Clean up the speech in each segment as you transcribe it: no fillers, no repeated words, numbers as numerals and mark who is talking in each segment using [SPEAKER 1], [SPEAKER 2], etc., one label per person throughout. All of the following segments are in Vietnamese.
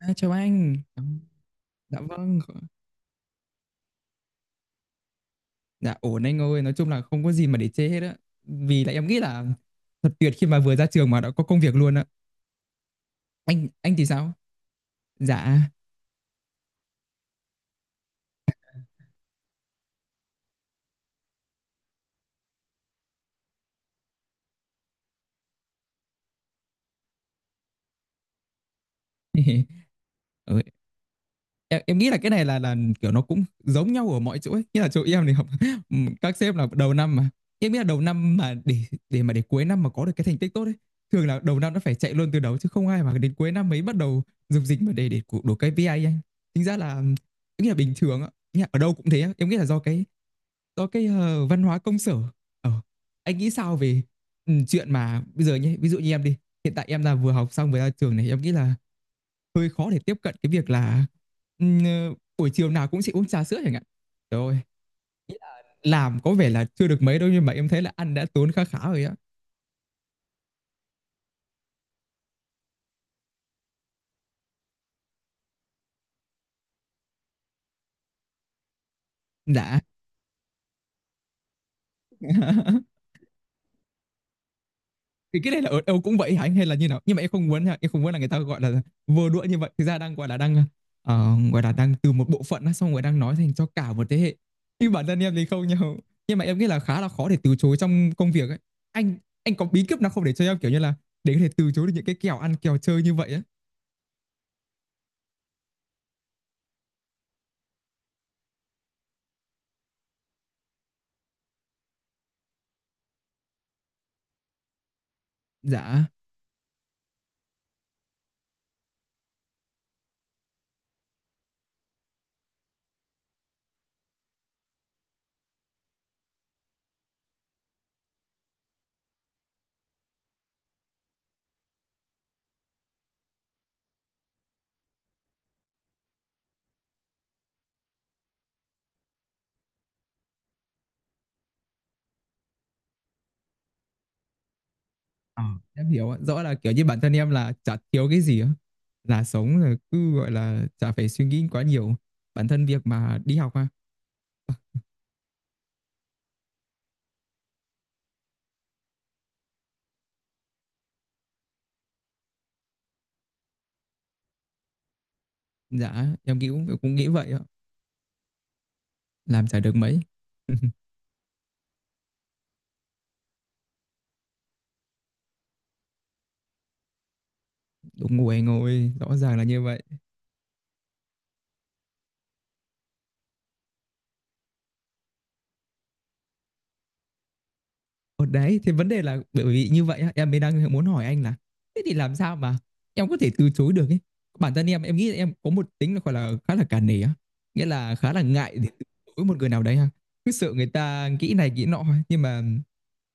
[SPEAKER 1] À, chào anh. Dạ vâng. Dạ ổn anh ơi, nói chung là không có gì mà để chê hết á. Vì là em nghĩ là thật tuyệt khi mà vừa ra trường mà đã có công việc luôn á. Anh thì sao? Dạ. Ừ, em nghĩ là cái này là kiểu nó cũng giống nhau ở mọi chỗ ấy. Nghĩa là chỗ em thì học các sếp là đầu năm mà em nghĩ là đầu năm mà để mà để cuối năm mà có được cái thành tích tốt ấy, thường là đầu năm nó phải chạy luôn từ đầu chứ không ai mà đến cuối năm mới bắt đầu dục dịch mà để đổ cái KPI anh. Tính ra là em nghĩ là bình thường ạ. Nghĩa là ở đâu cũng thế á. Em nghĩ là do cái văn hóa công sở. ờ, anh nghĩ sao về chuyện mà bây giờ nhé, ví dụ như em đi, hiện tại em là vừa học xong vừa ra trường này, em nghĩ là hơi khó để tiếp cận cái việc là ừm, ờ, buổi chiều nào cũng sẽ uống trà sữa chẳng hạn. Trời ơi, làm có vẻ là chưa được mấy đâu nhưng mà em thấy là ăn đã tốn khá khá rồi á. Đã thì cái này là ở đâu cũng vậy hả anh hay là như nào? Nhưng mà em không muốn nha, em không muốn là người ta, gọi là, vừa đũa như vậy, thực ra đang, gọi là, đang, gọi là, đang từ một bộ phận á, xong rồi đang nói thành cho cả một thế hệ. Nhưng bản thân em thì không nhau. Nhưng mà em nghĩ là khá là khó để từ chối trong công việc ấy. Anh anh có bí kíp nào không để cho em, kiểu như là, để có thể từ chối được những cái kèo ăn kèo chơi như vậy á? Dạ. Ờ, em hiểu ạ. Rõ là kiểu như bản thân em là chả thiếu cái gì á, là sống là cứ gọi là chả phải suy nghĩ quá nhiều. Bản thân việc mà đi học ha, dạ em nghĩ cũng cũng nghĩ vậy ạ. Làm chả được mấy. Đúng, ngồi ngồi rõ ràng là như vậy. Ở đấy thì vấn đề là bởi vì như vậy á, em mới đang muốn hỏi anh là thế thì làm sao mà em có thể từ chối được ấy. Bản thân em nghĩ là em có một tính là gọi là khá là cả nể á, nghĩa là khá là ngại để từ chối một người nào đấy ha, cứ sợ người ta nghĩ này nghĩ nọ ấy. Nhưng mà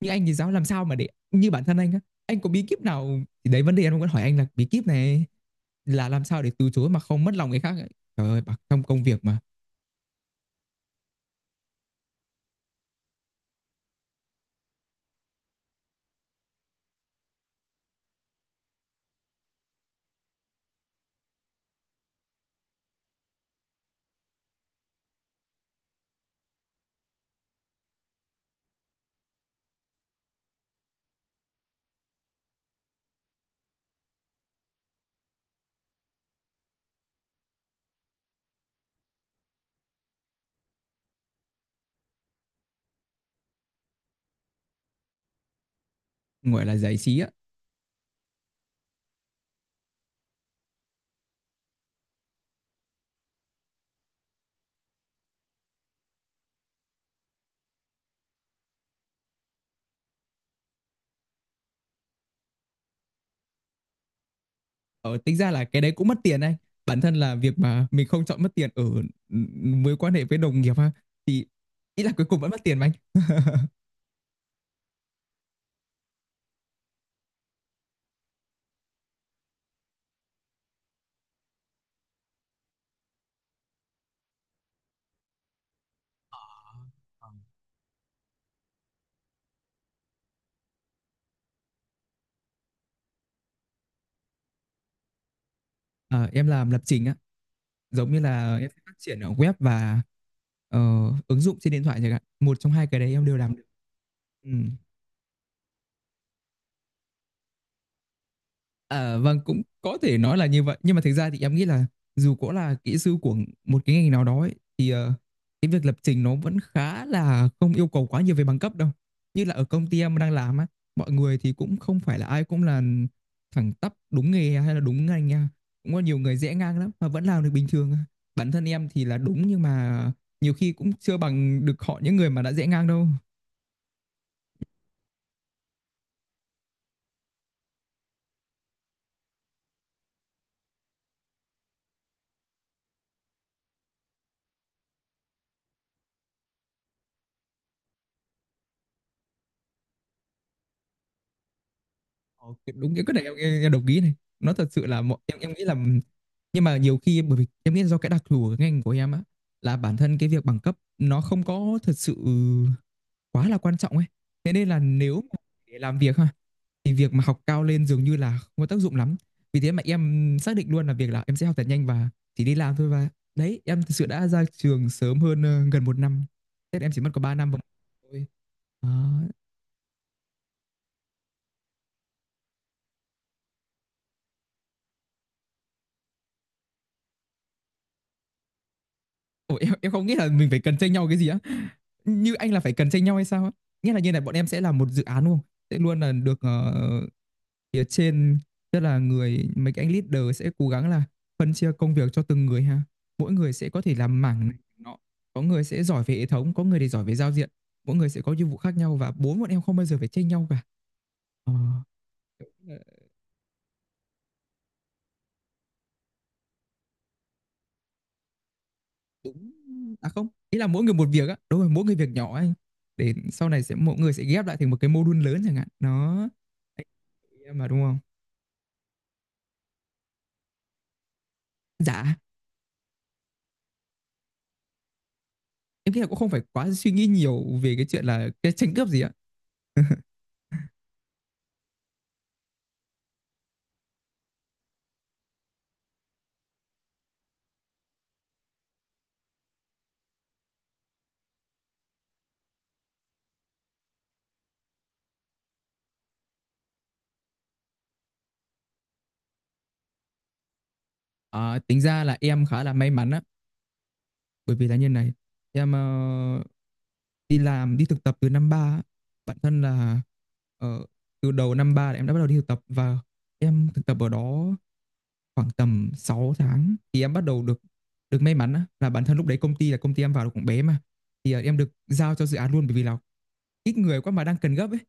[SPEAKER 1] như anh thì giáo làm sao mà để như bản thân anh á, anh có bí kíp nào thì đấy vấn đề em vẫn hỏi anh là bí kíp này, là làm sao để từ chối mà không mất lòng người khác ấy. Trời ơi, trong công việc mà gọi là giải trí á. Ờ, Tính ra là cái đấy cũng mất tiền anh, bản thân là việc mà mình không chọn mất tiền ở ừ, mối quan hệ với đồng nghiệp ha, thì ý là cuối cùng vẫn mất tiền mà anh. Ờ, ờ, em làm lập trình á, giống như là em sẽ phát triển ở web và ờ, ứng dụng trên điện thoại chẳng hạn, một trong hai cái đấy em đều làm được. Ừ. À, vâng cũng có thể nói là như vậy nhưng mà thực ra thì em nghĩ là dù có là kỹ sư của một cái ngành nào đó ấy, thì cái việc lập trình nó vẫn khá là không yêu cầu quá nhiều về bằng cấp đâu. Như là ở công ty em đang làm á, mọi người thì cũng không phải là ai cũng là thẳng tắp đúng nghề hay là đúng ngành nha, cũng có nhiều người rẽ ngang lắm mà vẫn làm được bình thường. Bản thân em thì là đúng nhưng mà nhiều khi cũng chưa bằng được họ, những người mà đã rẽ ngang đâu. Ờ, đúng cái này em đồng ý này, nó thật sự là mọi, em nghĩ là nhưng mà nhiều khi bởi vì em nghĩ do cái đặc thù của ngành của em á, là bản thân cái việc bằng cấp nó không có thật sự quá là quan trọng ấy, thế nên là nếu mà để làm việc ha thì việc mà học cao lên dường như là không có tác dụng lắm. Vì thế mà em xác định luôn là việc là em sẽ học thật nhanh và chỉ đi làm thôi, và đấy em thật sự đã ra trường sớm hơn gần một năm. Tết em chỉ mất có 3 năm thôi. Ủa, em không nghĩ là mình phải cần tranh nhau cái gì á, như anh là phải cần tranh nhau hay sao á? Nghĩa là như này, bọn em sẽ là một dự án đúng không, sẽ luôn là được phía trên, tức là người mấy cái anh leader sẽ cố gắng là phân chia công việc cho từng người ha, mỗi người sẽ có thể làm mảng này nọ, có người sẽ giỏi về hệ thống, có người thì giỏi về giao diện, mỗi người sẽ có nhiệm vụ khác nhau và bốn bọn em không bao giờ phải tranh nhau cả. Ờ, đúng. À không, ý là mỗi người một việc á, đúng rồi, mỗi người việc nhỏ anh, để sau này sẽ mỗi người sẽ ghép lại thành một cái module lớn chẳng hạn đó, em mà đúng không? Dạ, em nghĩ là cũng không phải quá suy nghĩ nhiều về cái chuyện là cái tranh cướp gì ạ. Ờ, tính ra là em khá là may mắn á, bởi vì là như này, em đi làm, đi thực tập từ năm ba á. Bản thân là ờ, từ đầu năm ba là em đã bắt đầu đi thực tập và em thực tập ở đó khoảng tầm 6 tháng thì em bắt đầu được được may mắn á, là bản thân lúc đấy công ty là công ty em vào là cũng bé mà, thì em được giao cho dự án luôn bởi vì là ít người quá mà đang cần gấp ấy,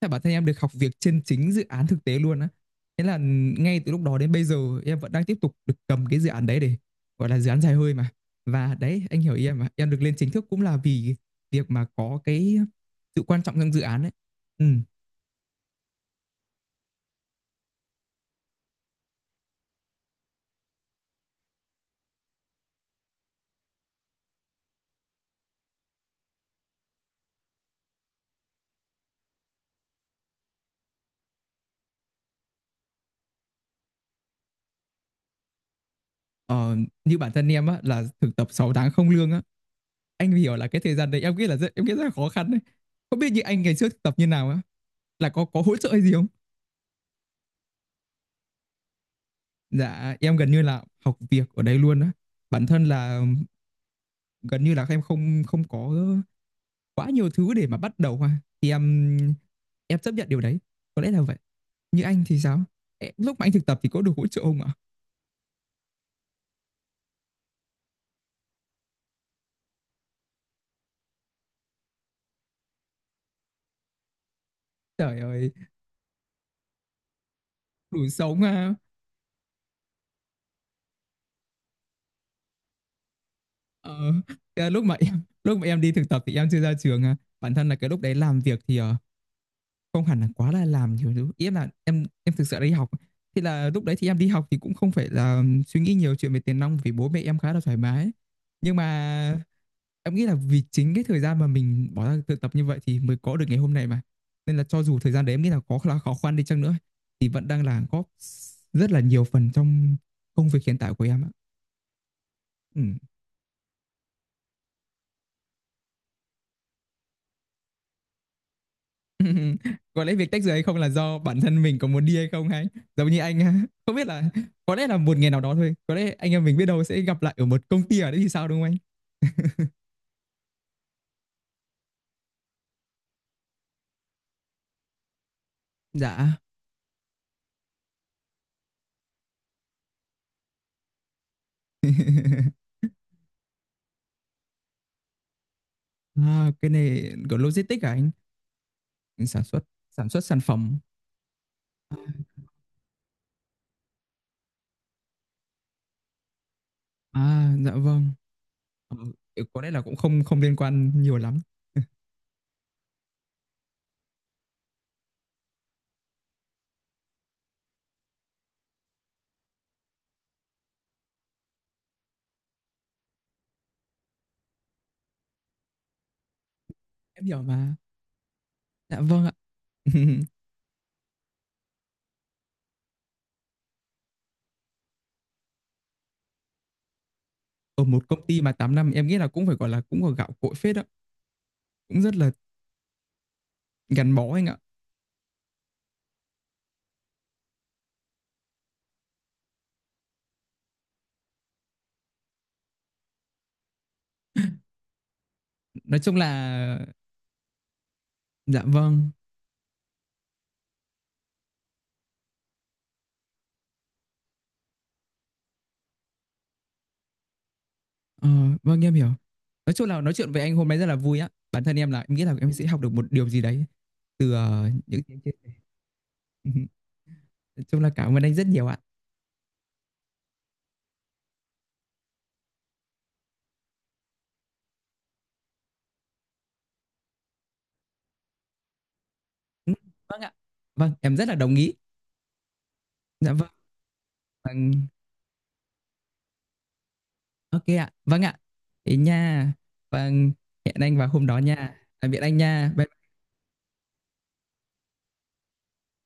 [SPEAKER 1] thế bản thân em được học việc trên chính dự án thực tế luôn á, thế là ngay từ lúc đó đến bây giờ em vẫn đang tiếp tục được cầm cái dự án đấy để gọi là dự án dài hơi mà, và đấy anh hiểu ý em mà, em được lên chính thức cũng là vì việc mà có cái sự quan trọng trong dự án ấy. Ừ. ờ, Như bản thân em á là thực tập 6 tháng không lương á, anh hiểu là cái thời gian đấy em nghĩ là rất, em nghĩ rất là khó khăn đấy, không biết như anh ngày trước thực tập như nào á, là có hỗ trợ hay gì không? Dạ em gần như là học việc ở đây luôn á, bản thân là gần như là em không không có quá nhiều thứ để mà bắt đầu ha. Thì em chấp nhận điều đấy, có lẽ là vậy. Như anh thì sao? Ê, lúc mà anh thực tập thì có được hỗ trợ không ạ? Trời ơi, đủ sống ha. Ờ, cái lúc mà em đi thực tập thì em chưa ra trường ha. Bản thân là cái lúc đấy làm việc thì không hẳn là quá là làm nhiều thứ, ý là em thực sự đi học thì là lúc đấy thì em đi học thì cũng không phải là suy nghĩ nhiều chuyện về tiền nong vì bố mẹ em khá là thoải mái, nhưng mà em nghĩ là vì chính cái thời gian mà mình bỏ ra tự tập như vậy thì mới có được ngày hôm nay mà, nên là cho dù thời gian đấy em nghĩ là có là khó khăn đi chăng nữa thì vẫn đang là góp rất là nhiều phần trong công việc hiện tại của em ạ. Ừ. Ừm, có lẽ việc tách rời hay không là do bản thân mình có muốn đi hay không, hay giống như anh. Không biết là có lẽ là một ngày nào đó thôi, có lẽ anh em mình biết đâu sẽ gặp lại ở một công ty ở đấy thì sao, đúng không anh? Dạ. À, cái này có logistics à, anh sản xuất sản xuất sản phẩm à? Dạ vâng. Ờ, có lẽ là cũng không không liên quan nhiều lắm. Em hiểu mà. Dạ vâng ạ. Ở một công ty mà 8 năm em nghĩ là cũng phải gọi là cũng có gạo cội phết đó, cũng rất là gắn bó anh ạ, nói chung là dạ vâng. Ờ, vâng em hiểu. Nói chung là nói chuyện với anh hôm nay rất là vui á. Bản thân em là em nghĩ là em sẽ học được một điều gì đấy từ những cái chia sẻ. Ừ, nói chung là cảm ơn anh rất nhiều ạ. Ừ, vâng ạ. Vâng, em rất là đồng ý. Dạ vâng. Vâng. Ok ạ. Vâng ạ. Thế nha. Vâng, hẹn anh vào hôm đó nha. Tạm biệt anh nha. Bye